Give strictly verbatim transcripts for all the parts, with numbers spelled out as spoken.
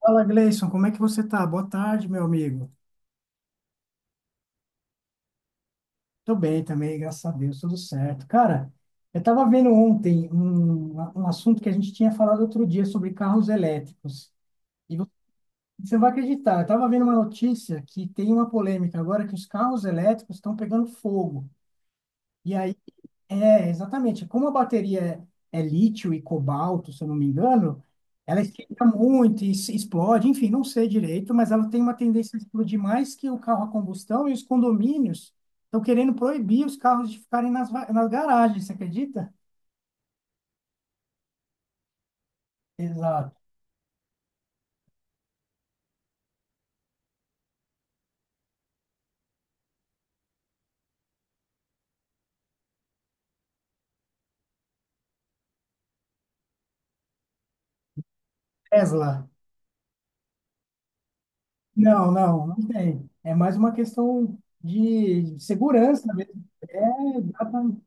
Fala, Gleison, como é que você tá? Boa tarde, meu amigo. Tô bem também, graças a Deus, tudo certo. Cara, eu tava vendo ontem um, um assunto que a gente tinha falado outro dia sobre carros elétricos. E vo- Você não vai acreditar, eu tava vendo uma notícia que tem uma polêmica agora que os carros elétricos estão pegando fogo. E aí. É, exatamente. Como a bateria é lítio e cobalto, se eu não me engano, ela esquenta muito e se- explode, enfim, não sei direito, mas ela tem uma tendência a explodir mais que o carro a combustão e os condomínios estão querendo proibir os carros de ficarem nas, va- nas garagens, você acredita? Exato. Tesla. Não, não, não tem. É mais uma questão de segurança mesmo. É, exatamente.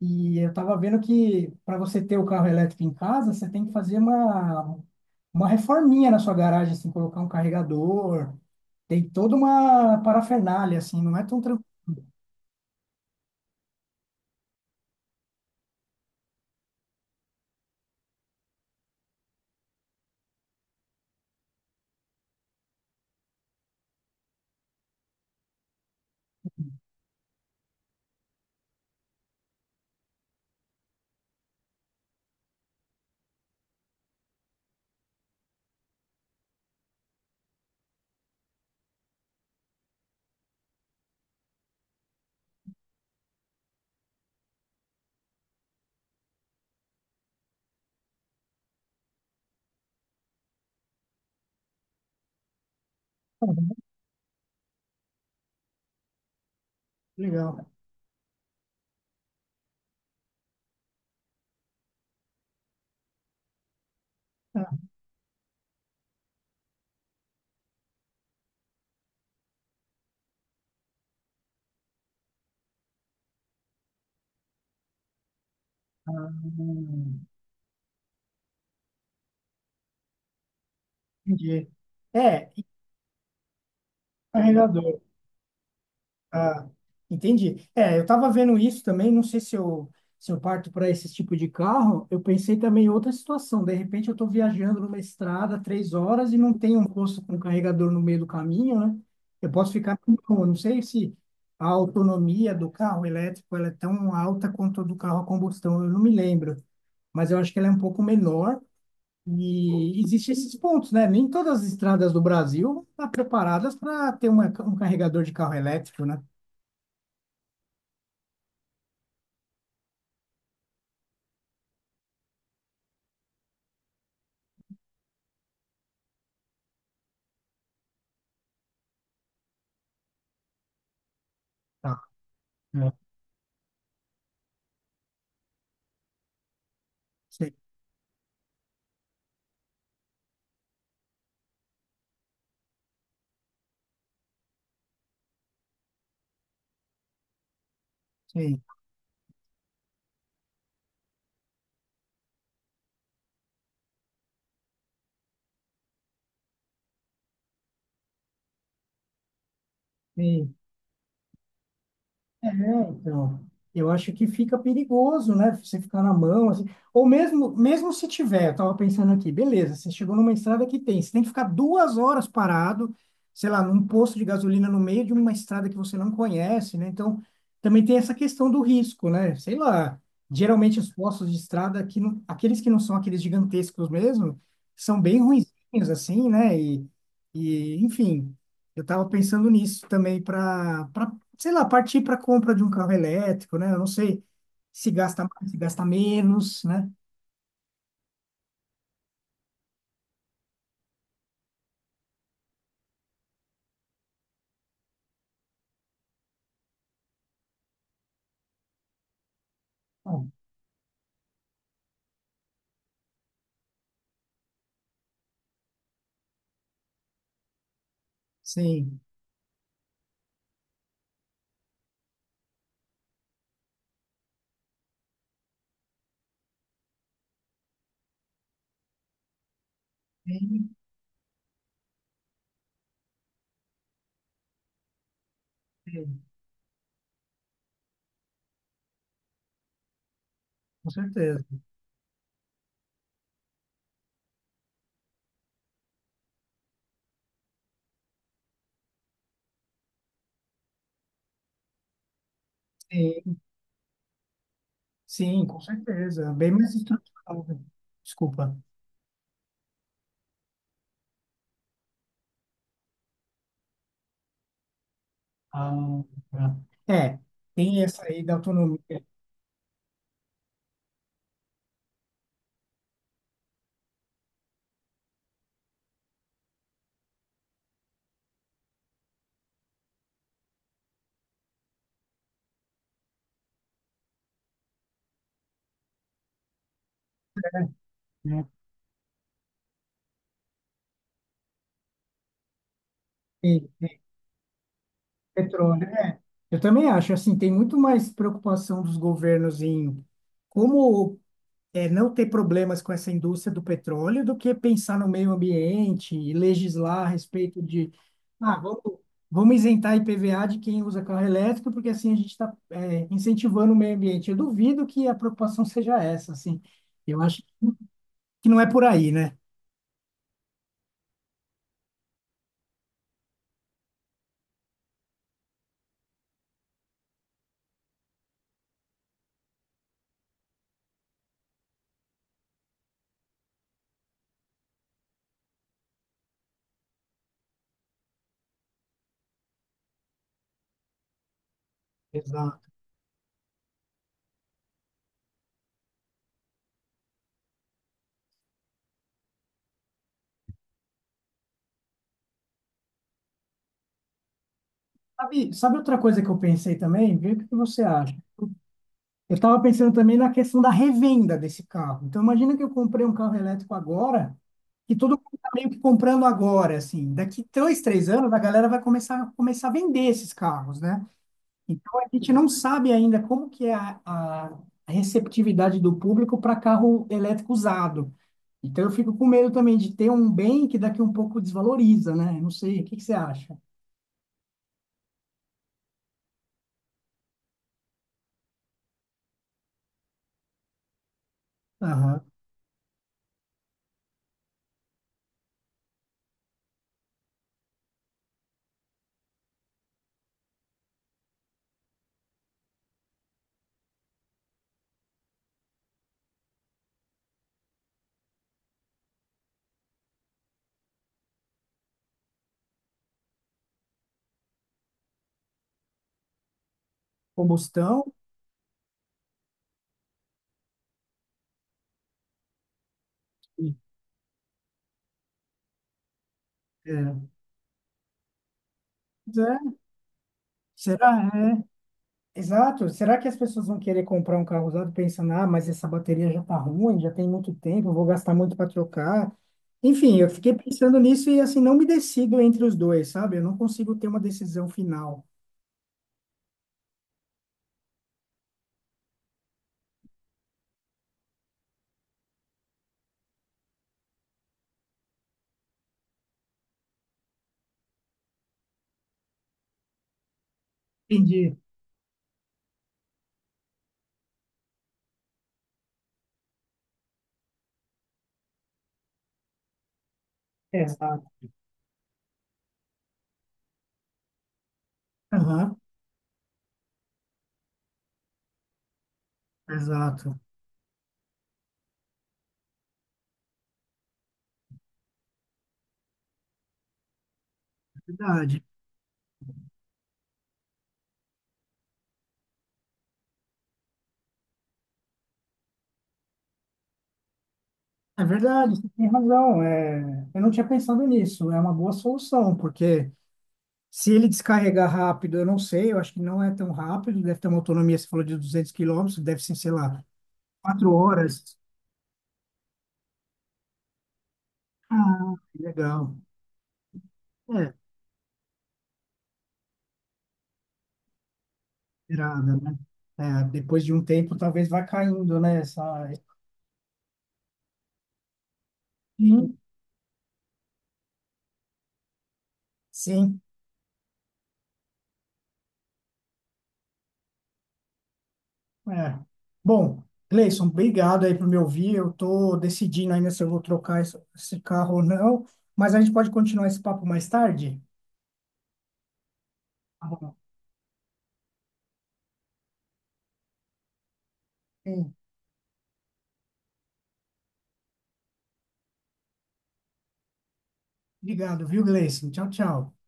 E eu estava vendo que para você ter o carro elétrico em casa, você tem que fazer uma, uma reforminha na sua garagem, assim, colocar um carregador. Tem toda uma parafernália, assim, não é tão tranquilo. Legal. Ah, ah, entendi. É, e carregador. Ah, entendi. É, eu tava vendo isso também, não sei se eu, se eu parto para esse tipo de carro, eu pensei também em outra situação. De repente eu estou viajando numa estrada três horas e não tem um posto com carregador no meio do caminho, né? Eu posso ficar com eu não sei se a autonomia do carro elétrico ela é tão alta quanto a do carro a combustão, eu não me lembro, mas eu acho que ela é um pouco menor. E existem esses pontos, né? Nem todas as estradas do Brasil estão preparadas para ter uma- um carregador de carro elétrico, né? É, sim, sim, sim. É, então, eu acho que fica perigoso, né? Você ficar na mão, assim. Ou mesmo, mesmo se tiver, eu tava pensando aqui, beleza, você chegou numa estrada que tem, você tem que ficar duas horas parado, sei lá, num posto de gasolina no meio de uma estrada que você não conhece, né? Então, também tem essa questão do risco, né? Sei lá, geralmente os postos de estrada, que não, aqueles que não são aqueles gigantescos mesmo, são bem ruinzinhos, assim, né? E, e enfim, eu tava pensando nisso também para sei lá, partir para a compra de um carro elétrico, né? Eu não sei se gasta mais, se gasta menos, né? Bom, sim, sim, sim, com certeza. Sim, sim, com certeza. Bem mais estrutural, né? Desculpa. Ah, tá. É, tem essa aí da autonomia, né? E petróleo, né? Eu também acho, assim, tem muito mais preocupação dos governos em como é, não ter problemas com essa indústria do petróleo do que pensar no meio ambiente e legislar a respeito de, ah, vamos, vamos isentar I P V A de quem usa carro elétrico, porque assim a gente está, incentivando o meio ambiente. Eu duvido que a preocupação seja essa, assim. Eu acho que não é por aí, né? Exato. Sabe, sabe outra coisa que eu pensei também? Vê o que você acha. Eu estava pensando também na questão da revenda desse carro. Então, imagina que eu comprei um carro elétrico agora, e todo mundo está meio que comprando agora, assim. Daqui dois, três anos, a galera vai começar, começar a vender esses carros, né? Então, a gente não sabe ainda como que é a, a receptividade do público para carro elétrico usado. Então, eu fico com medo também de ter um bem que daqui um pouco desvaloriza, né? Eu não sei, o que que você acha? Aham. Combustão? É. Pois é. Será? É, exato. Será que as pessoas vão querer comprar um carro usado pensando, ah, mas essa bateria já tá ruim, já tem muito tempo, eu vou gastar muito para trocar? Enfim, eu fiquei pensando nisso e assim não me decido entre os dois, sabe? Eu não consigo ter uma decisão final. Entendi. Exato. Aham, exato. Verdade. É verdade, você tem razão. É, eu não tinha pensado nisso. É uma boa solução, porque se ele descarregar rápido, eu não sei, eu acho que não é tão rápido, deve ter uma autonomia, você falou de duzentos quilômetros, deve ser, sei lá, quatro horas. Ah, que legal. É, irada, né? É, depois de um tempo, talvez vá caindo, né? Essa... Sim, sim. É. Bom, Gleison, obrigado aí por me ouvir. Eu tô decidindo ainda se eu vou trocar esse esse carro ou não, mas a gente pode continuar esse papo mais tarde? Tá bom. Sim. Obrigado, viu, Gleison? Tchau, tchau.